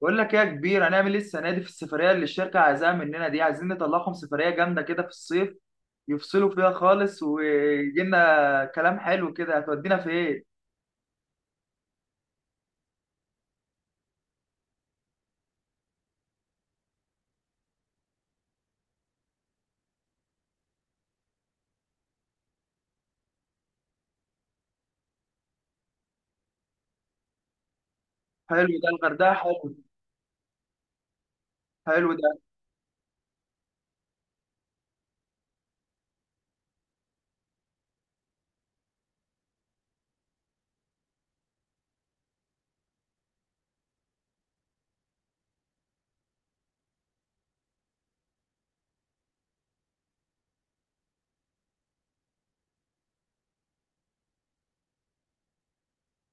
بقول لك ايه يا كبير؟ هنعمل ايه السنه دي في السفريه اللي الشركه عايزاها مننا دي؟ عايزين نطلعهم سفريه جامده كده في الصيف، يفصلوا فيها خالص، ويجي لنا كلام حلو كده. هتودينا فين؟ حلو ده، الغردقه حلو. حلو ده.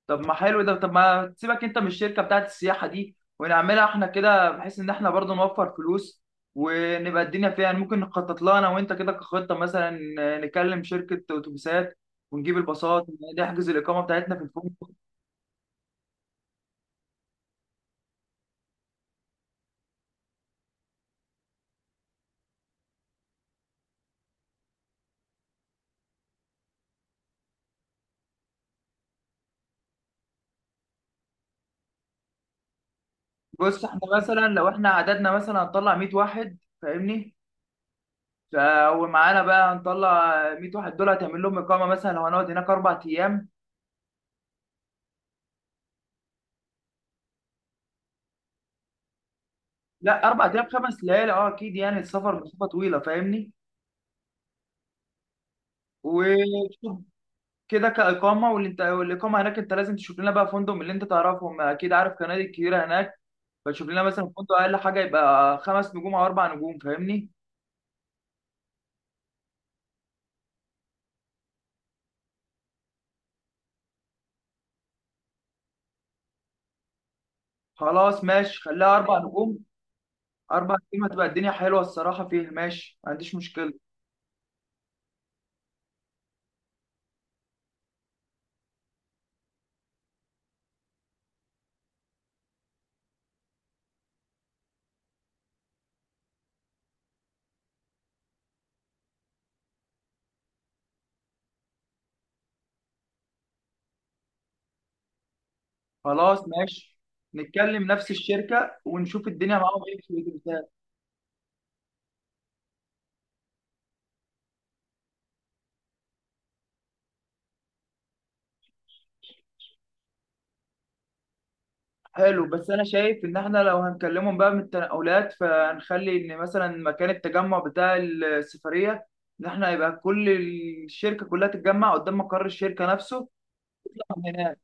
طب ما حلو ده، طب ما تسيبك انت من الشركه بتاعت السياحه دي، ونعملها احنا كده، بحيث ان احنا برضه نوفر فلوس ونبقى الدنيا فيها. يعني ممكن نخطط لها انا وانت كده كخطه مثلا. نكلم شركه اتوبيسات ونجيب الباصات، نحجز الاقامه بتاعتنا في الفندق. بص، احنا مثلا لو احنا عددنا مثلا هنطلع 100 واحد، فاهمني؟ ومعانا بقى هنطلع 100 واحد، دول هتعمل لهم اقامه. مثلا لو هنقعد هناك اربع ايام. لا، اربع ايام خمس ليالي، اه اكيد، يعني السفر مسافه طويله، فاهمني؟ وشوف كده كاقامه. واللي انت، والاقامه هناك انت لازم تشوف لنا بقى فندق من اللي انت تعرفهم، اكيد عارف فنادق كتيره هناك. فتشوف لنا مثلا فندق اقل حاجه يبقى خمس نجوم او اربع نجوم، فاهمني؟ خلاص ماشي، خليها اربع نجوم. اربع نجوم هتبقى الدنيا حلوه الصراحه فيه، ماشي، ما عنديش مشكله. خلاص ماشي، نتكلم نفس الشركة ونشوف الدنيا معاهم ايه في الاتفاق. حلو، بس انا شايف ان احنا لو هنكلمهم بقى من التنقلات، فهنخلي ان مثلا مكان التجمع بتاع السفرية، ان احنا يبقى كل الشركة كلها تتجمع قدام مقر الشركة نفسه هناك.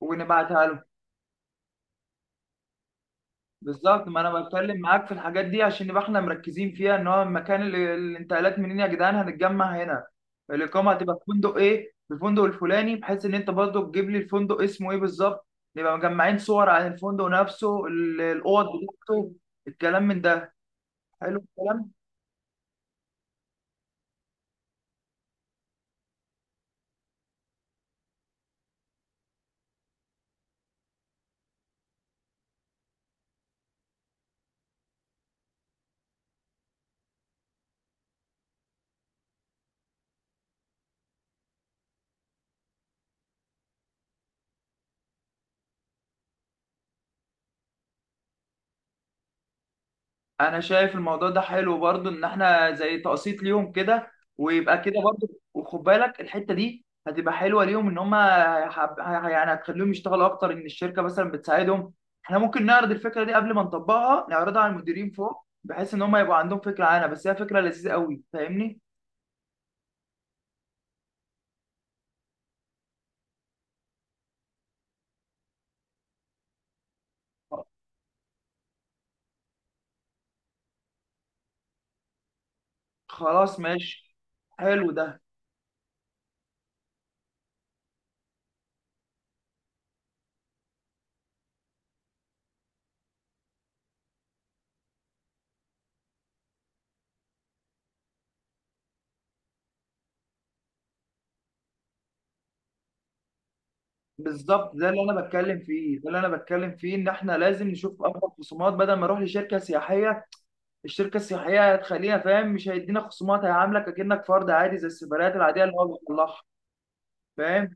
ونبعتها لهم. بالظبط، ما انا بتكلم معاك في الحاجات دي عشان نبقى احنا مركزين فيها، ان هو المكان اللي الانتقالات منين يا جدعان هنتجمع هنا، الاقامه هتبقى في فندق ايه، في الفندق الفلاني، بحيث ان انت برضه تجيب لي الفندق اسمه ايه بالظبط. نبقى مجمعين صور عن الفندق نفسه، الاوض بتاعته، الكلام من ده. حلو الكلام. انا شايف الموضوع ده حلو برضو، ان احنا زي تقسيط ليهم كده، ويبقى كده برضو. وخد بالك الحته دي هتبقى حلوه ليهم، ان هم يعني هتخليهم يشتغلوا اكتر، ان الشركه مثلا بتساعدهم. احنا ممكن نعرض الفكره دي قبل ما نطبقها، نعرضها على المديرين فوق، بحيث ان هم يبقى عندهم فكره عنها. بس هي فكره لذيذه قوي، فاهمني؟ خلاص ماشي. حلو ده. بالظبط، ده اللي انا بتكلم فيه، ده اللي انا بتكلم فيه، ان احنا لازم نشوف افضل خصومات بدل ما اروح لشركه سياحيه. الشركه السياحيه هتخليها فاهم مش هيدينا خصومات، هيعاملك اكنك فرد عادي زي السفريات العاديه اللي هو بيطلعها. فاهم؟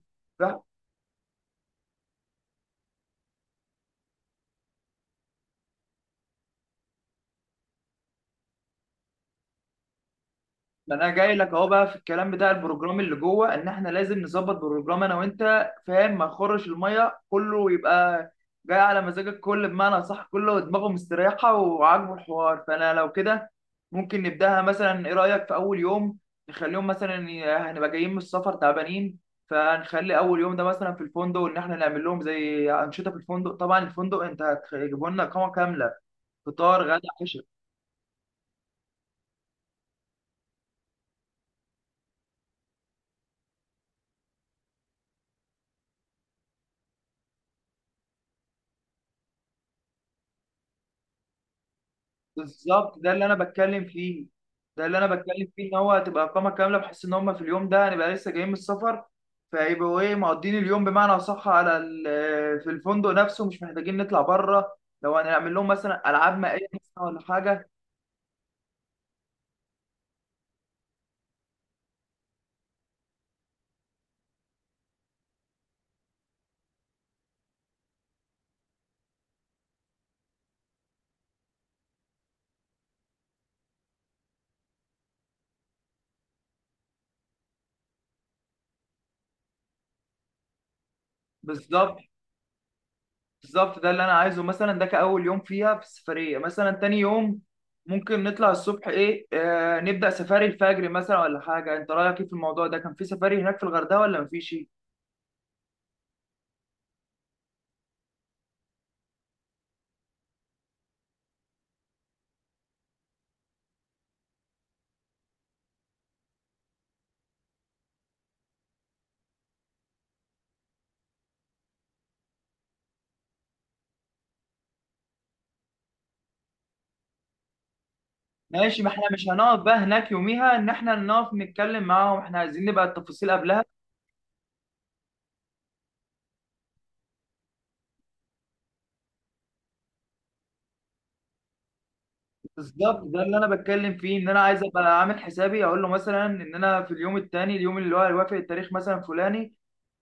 ما انا جاي لك اهو بقى في الكلام بتاع البروجرام اللي جوه، ان احنا لازم نظبط بروجرام انا وانت، فاهم؟ ما نخرش الميه كله، يبقى جاي على مزاجك كل بمعنى صح، كله دماغه مستريحه وعاجبه الحوار. فانا لو كده ممكن نبداها مثلا، ايه رايك في اول يوم نخليهم مثلا هنبقى جايين من السفر تعبانين، فنخلي اول يوم ده مثلا في الفندق، ان احنا نعمل لهم زي انشطه في الفندق. طبعا الفندق انت هتجيبوا لنا اقامه كامله، فطار غدا. بالظبط، ده اللي انا بتكلم فيه، ده اللي انا بتكلم فيه، ان هو هتبقى اقامه كامله، بحيث ان هم في اليوم ده هنبقى لسه جايين من السفر، فيبقوا ايه مقضين اليوم بمعنى اصح على في الفندق نفسه، مش محتاجين نطلع بره. لو هنعمل لهم مثلا العاب مائيه مثلاً ولا حاجه. بالظبط، بالظبط، ده اللي انا عايزه مثلا، ده كاول يوم فيها في السفريه. مثلا تاني يوم ممكن نطلع الصبح ايه، آه نبدا سفاري الفجر مثلا ولا حاجه. انت رايك ايه في الموضوع ده؟ كان في سفاري هناك في الغردقه ولا مفيش؟ ماشي، ما احنا مش هنقعد بقى هناك يوميها ان احنا نقف نتكلم معاهم، احنا عايزين نبقى التفاصيل قبلها. بالظبط، ده اللي انا بتكلم فيه، ان انا عايز ابقى عامل حسابي اقول له مثلا ان انا في اليوم التاني، اليوم اللي هو هيوافق التاريخ مثلا فلاني،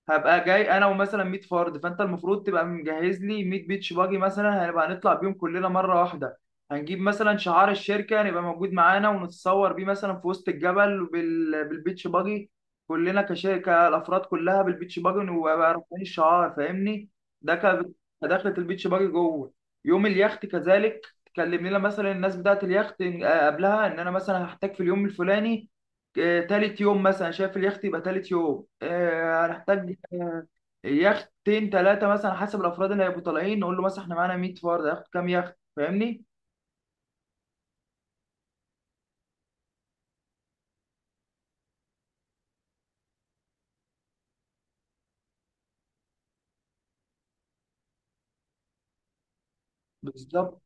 هبقى جاي انا ومثلا 100 فرد، فانت المفروض تبقى مجهز لي 100 بيتش باجي مثلا، هنبقى هنطلع بيهم كلنا مره واحده. هنجيب مثلا شعار الشركه هنبقى موجود معانا، ونتصور بيه مثلا في وسط الجبل بالبيتش باجي، كلنا كشركه الافراد كلها بالبيتش باجي، ونبقى بقى رافعين الشعار، فاهمني؟ ده ك- كدخلة البيتش باجي جوه. يوم اليخت كذلك، تكلم لنا مثلا الناس بتاعه اليخت قبلها ان انا مثلا هحتاج في اليوم الفلاني، تالت يوم مثلا، شايف اليخت يبقى تالت يوم، هنحتاج يختين ثلاثه مثلا حسب الافراد اللي هيبقوا طالعين. نقول له مثلا احنا معانا 100 فرد، هياخد كام يخت، فاهمني؟ بالظبط.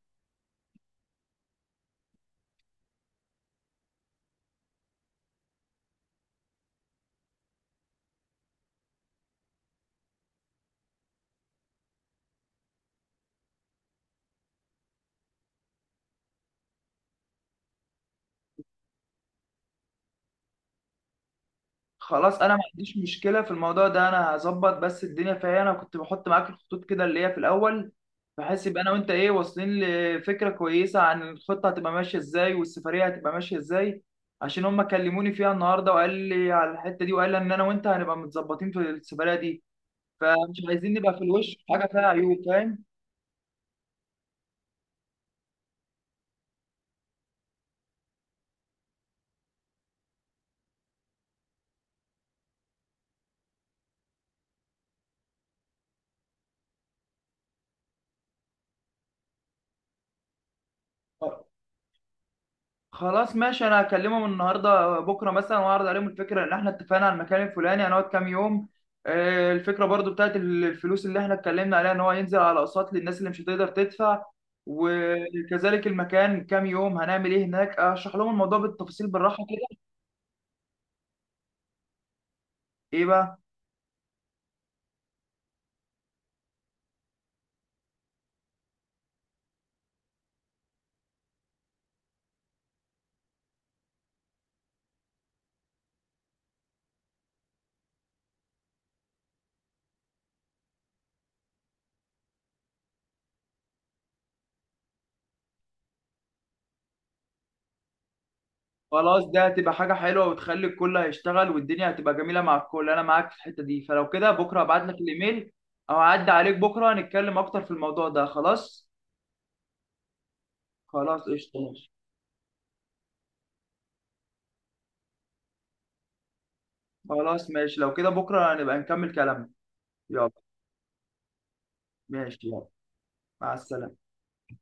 خلاص، انا ما عنديش مشكله في الموضوع ده، انا هظبط بس الدنيا فيها. انا كنت بحط معاك الخطوط كده اللي هي في الاول، بحيث يبقى انا وانت ايه، واصلين لفكره كويسه عن الخطه هتبقى ماشيه ازاي والسفريه هتبقى ماشيه ازاي، عشان هم كلموني فيها النهارده وقال لي على الحته دي، وقال لي ان انا وانت هنبقى متظبطين في السفريه دي، فمش عايزين نبقى في الوش في حاجه فيها عيوب، فاهم؟ خلاص ماشي، انا هكلمهم النهارده بكره مثلا، واعرض عليهم الفكره ان احنا اتفقنا على المكان الفلاني، هنقعد كام يوم، الفكره برضو بتاعت الفلوس اللي احنا اتكلمنا عليها ان هو ينزل على اقساط للناس اللي مش هتقدر تدفع، وكذلك المكان كام يوم هنعمل ايه هناك. اشرح لهم الموضوع بالتفاصيل بالراحه كده. ايه بقى؟ خلاص، ده هتبقى حاجه حلوه، وتخلي الكل هيشتغل، والدنيا هتبقى جميله مع الكل. انا معاك في الحته دي، فلو كده بكره هبعت لك الايميل، او هعدي عليك بكره نتكلم اكتر في الموضوع ده. خلاص. خلاص قشطه. خلاص ماشي، لو كده بكرة نبقى نكمل كلامنا. يلا. ماشي يلا. مع السلامة.